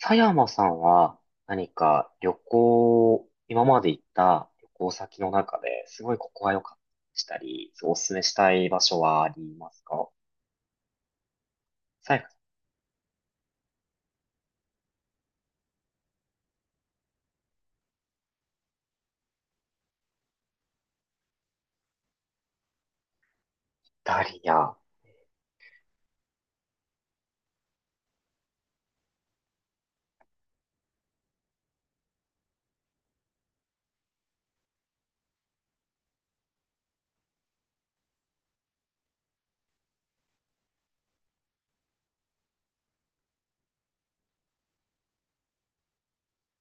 佐山さんは旅行、今まで行った旅行先の中ですごいここは良かったしたり、すごいおすすめしたい場所はありますか？佐山さん、ダリア。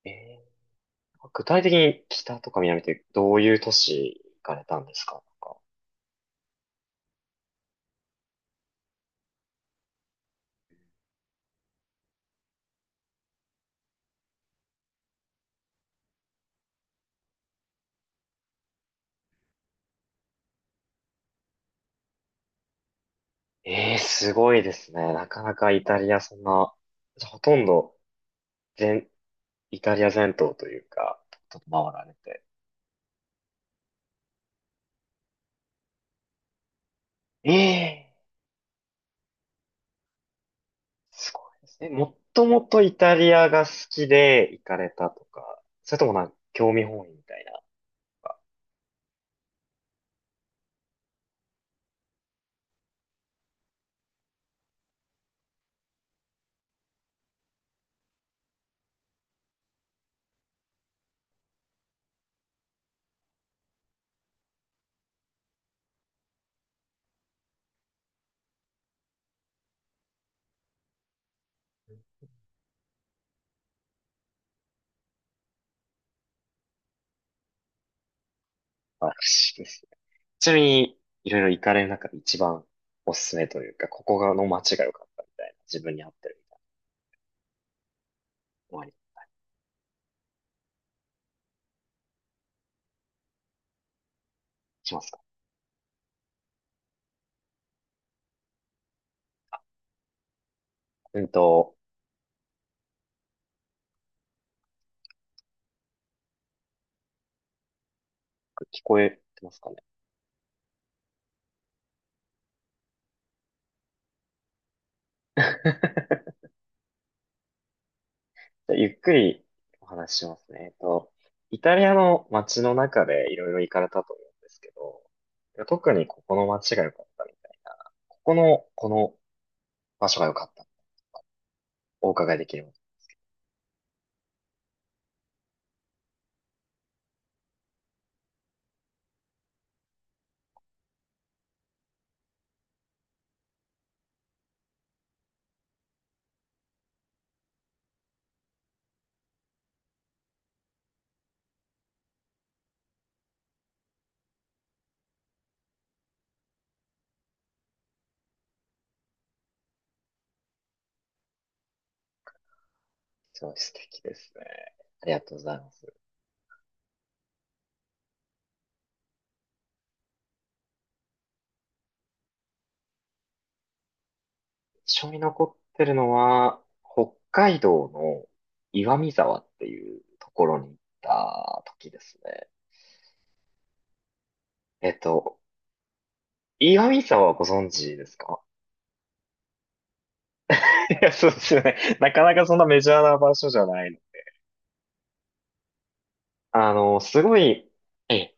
えー、具体的に北とか南ってどういう都市行かれたんですか？かえー、すごいですね。なかなかイタリアそんな、ほとんど全、イタリア全島というか、ちょっと回られて。ええ、すごいですね。もっともとイタリアが好きで行かれたとか、それともなんか興味本位みたいなのがあるしですね。ちなみに、いろいろ行かれる中で一番おすすめというか、ここがの街が良かったみたいな、自分に合ってるみたいなのありしますか？うんと、聞こえてますかね？ じゃあゆっくりお話ししますね。イタリアの街の中でいろいろ行かれたと思うんですけど、特にここの街が良かったみたいな、ここの、この場所が良かったお伺いできるの、すごい素敵ですね。ありがとうございます。一緒に残ってるのは、北海道の岩見沢っていうところに行った時ですね。えっと、岩見沢はご存知ですか？ いや、そうですよね。なかなかそんなメジャーな場所じゃないの。すごい、ええ、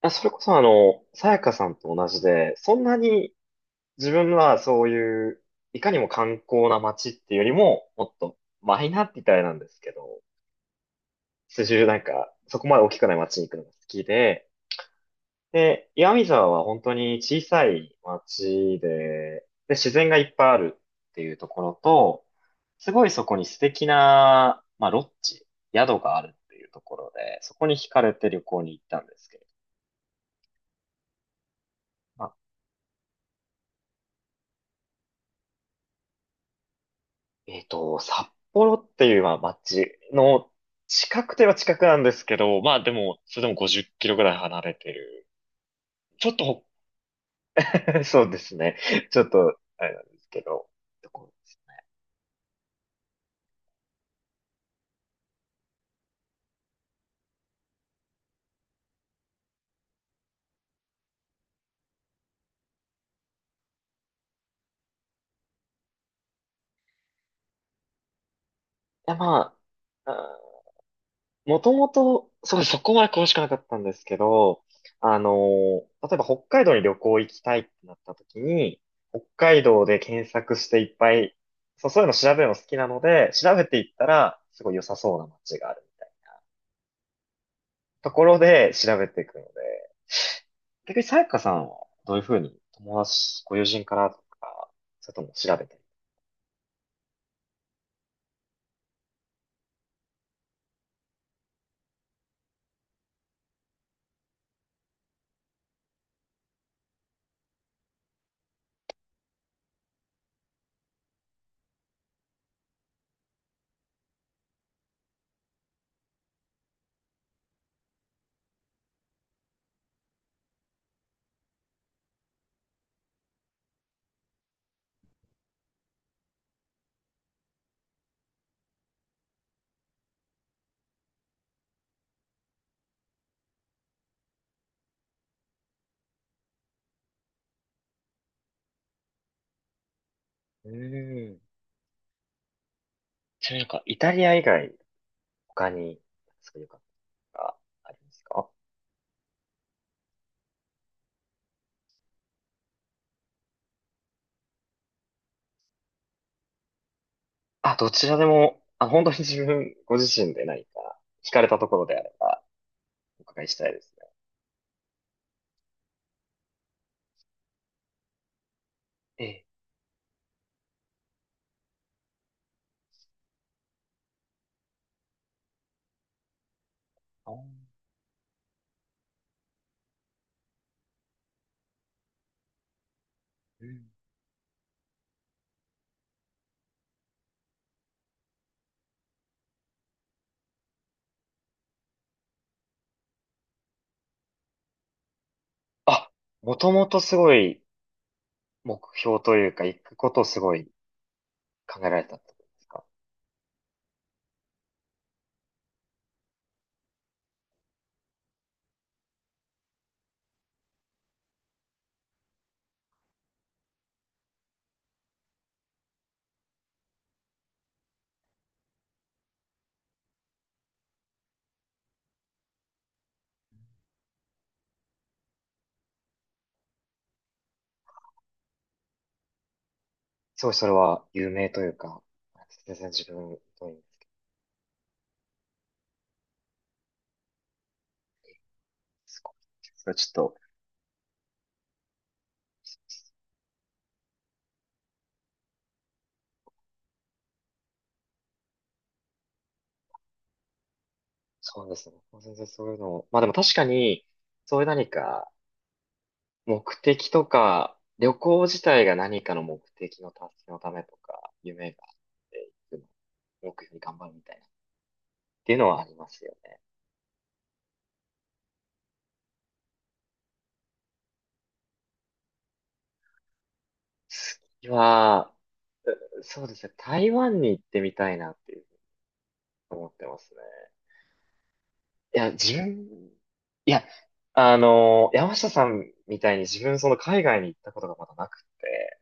あ、それこそさやかさんと同じで、そんなに自分はそういう、いかにも観光な街っていうよりも、もっとマイナーって言ったらあれなんですけど、数十そこまで大きくない街に行くのが好きで、で、岩見沢は本当に小さい街で、で、自然がいっぱいあるっていうところと、すごいそこに素敵な、まあ、ロッジ、宿があるっていうところで、そこに惹かれて旅行に行ったんですけれど、まあ、札幌っていうまあ街の近くては近くなんですけど、まあでも、それでも50キロぐらい離れてる。ちょっと そうですね。ちょっと、あれなんですけど。こう、いや、まあ、あー、もともと、そう、そこまで詳しくなかったんですけど、あのー、例えば北海道に旅行行きたいってなった時に、北海道で検索していっぱい、そう、そういうの調べるの好きなので、調べていったら、すごい良さそうな街があるみたいなところで調べていくので、逆にさやかさんはどういうふうに友達、ご友人からとか、それとも調べてる。うーん、ちなみにイタリア以外、他に、すごい良かったがありますか？あ、どちらでも、あ、本当に自分、ご自身で何か、惹かれたところであれば、お伺いしたいですね。ええ。あー、うん、あ、もともとすごい、目標というか、行くことをすごい考えられたってことですか？すごい、それは、有名というか、全然自分、どういうんですか？それはちょっと、そうですね。全然そういうのを、まあでも確かに、そういう何か、目的とか、旅行自体が何かの目的の達成のためとか、夢があっていくの、目標に頑張るみたいな、っていうのはありますよね。次は、う、そうですね、台湾に行ってみたいなっていうふうに思ってますね。いや、自分、いや、山下さんみたいに自分その海外に行ったことがまだなくて、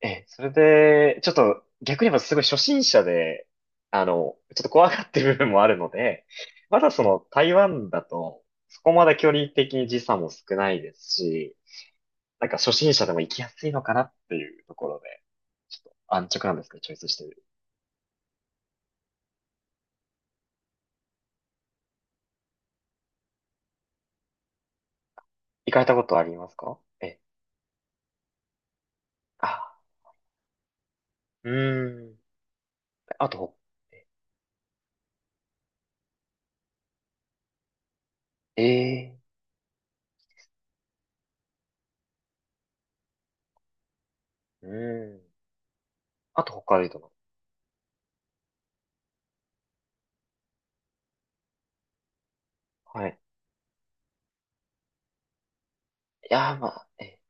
ええ、それで、ちょっと逆に言えばすごい初心者で、ちょっと怖がってる部分もあるので、まだその台湾だと、そこまで距離的に時差も少ないですし、なんか初心者でも行きやすいのかなっていうところで、ちょっと安直なんですけど、チョイスしてる。行かれたことありますか？ええ、あ、うーん。あと、ええ、うーん。あと北海道の。はい。いやー、まあ、ええ、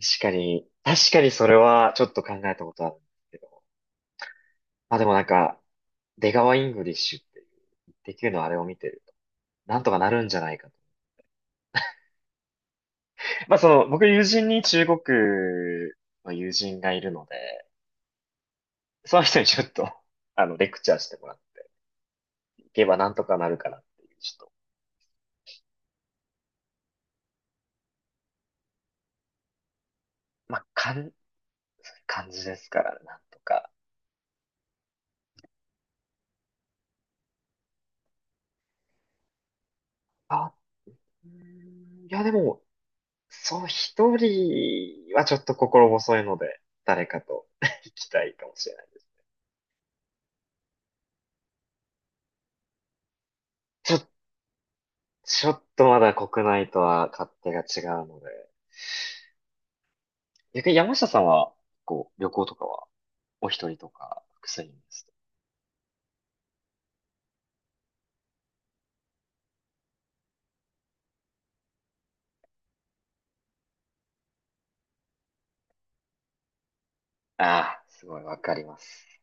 確かに、確かにそれはちょっと考えたことあるんですけど。まあでも出川イングリッシュっていう、できるのあれを見てると、なんとかなるんじゃないかと。まあその、僕友人に中国の友人がいるので、その人にちょっと、レクチャーしてもらっていけばなんとかなるかなっていう、ちょっと、まあ、かん、感じですからね、なんとか。あ、うーん、いやでも、そう、一人はちょっと心細いので、誰かと 行きたいかもしれない。ちょっ、ちょっとまだ国内とは勝手が違うので。逆に山下さんは、こう、旅行とかは、お一人とか、複数人ですと。ああ、すごいわかります。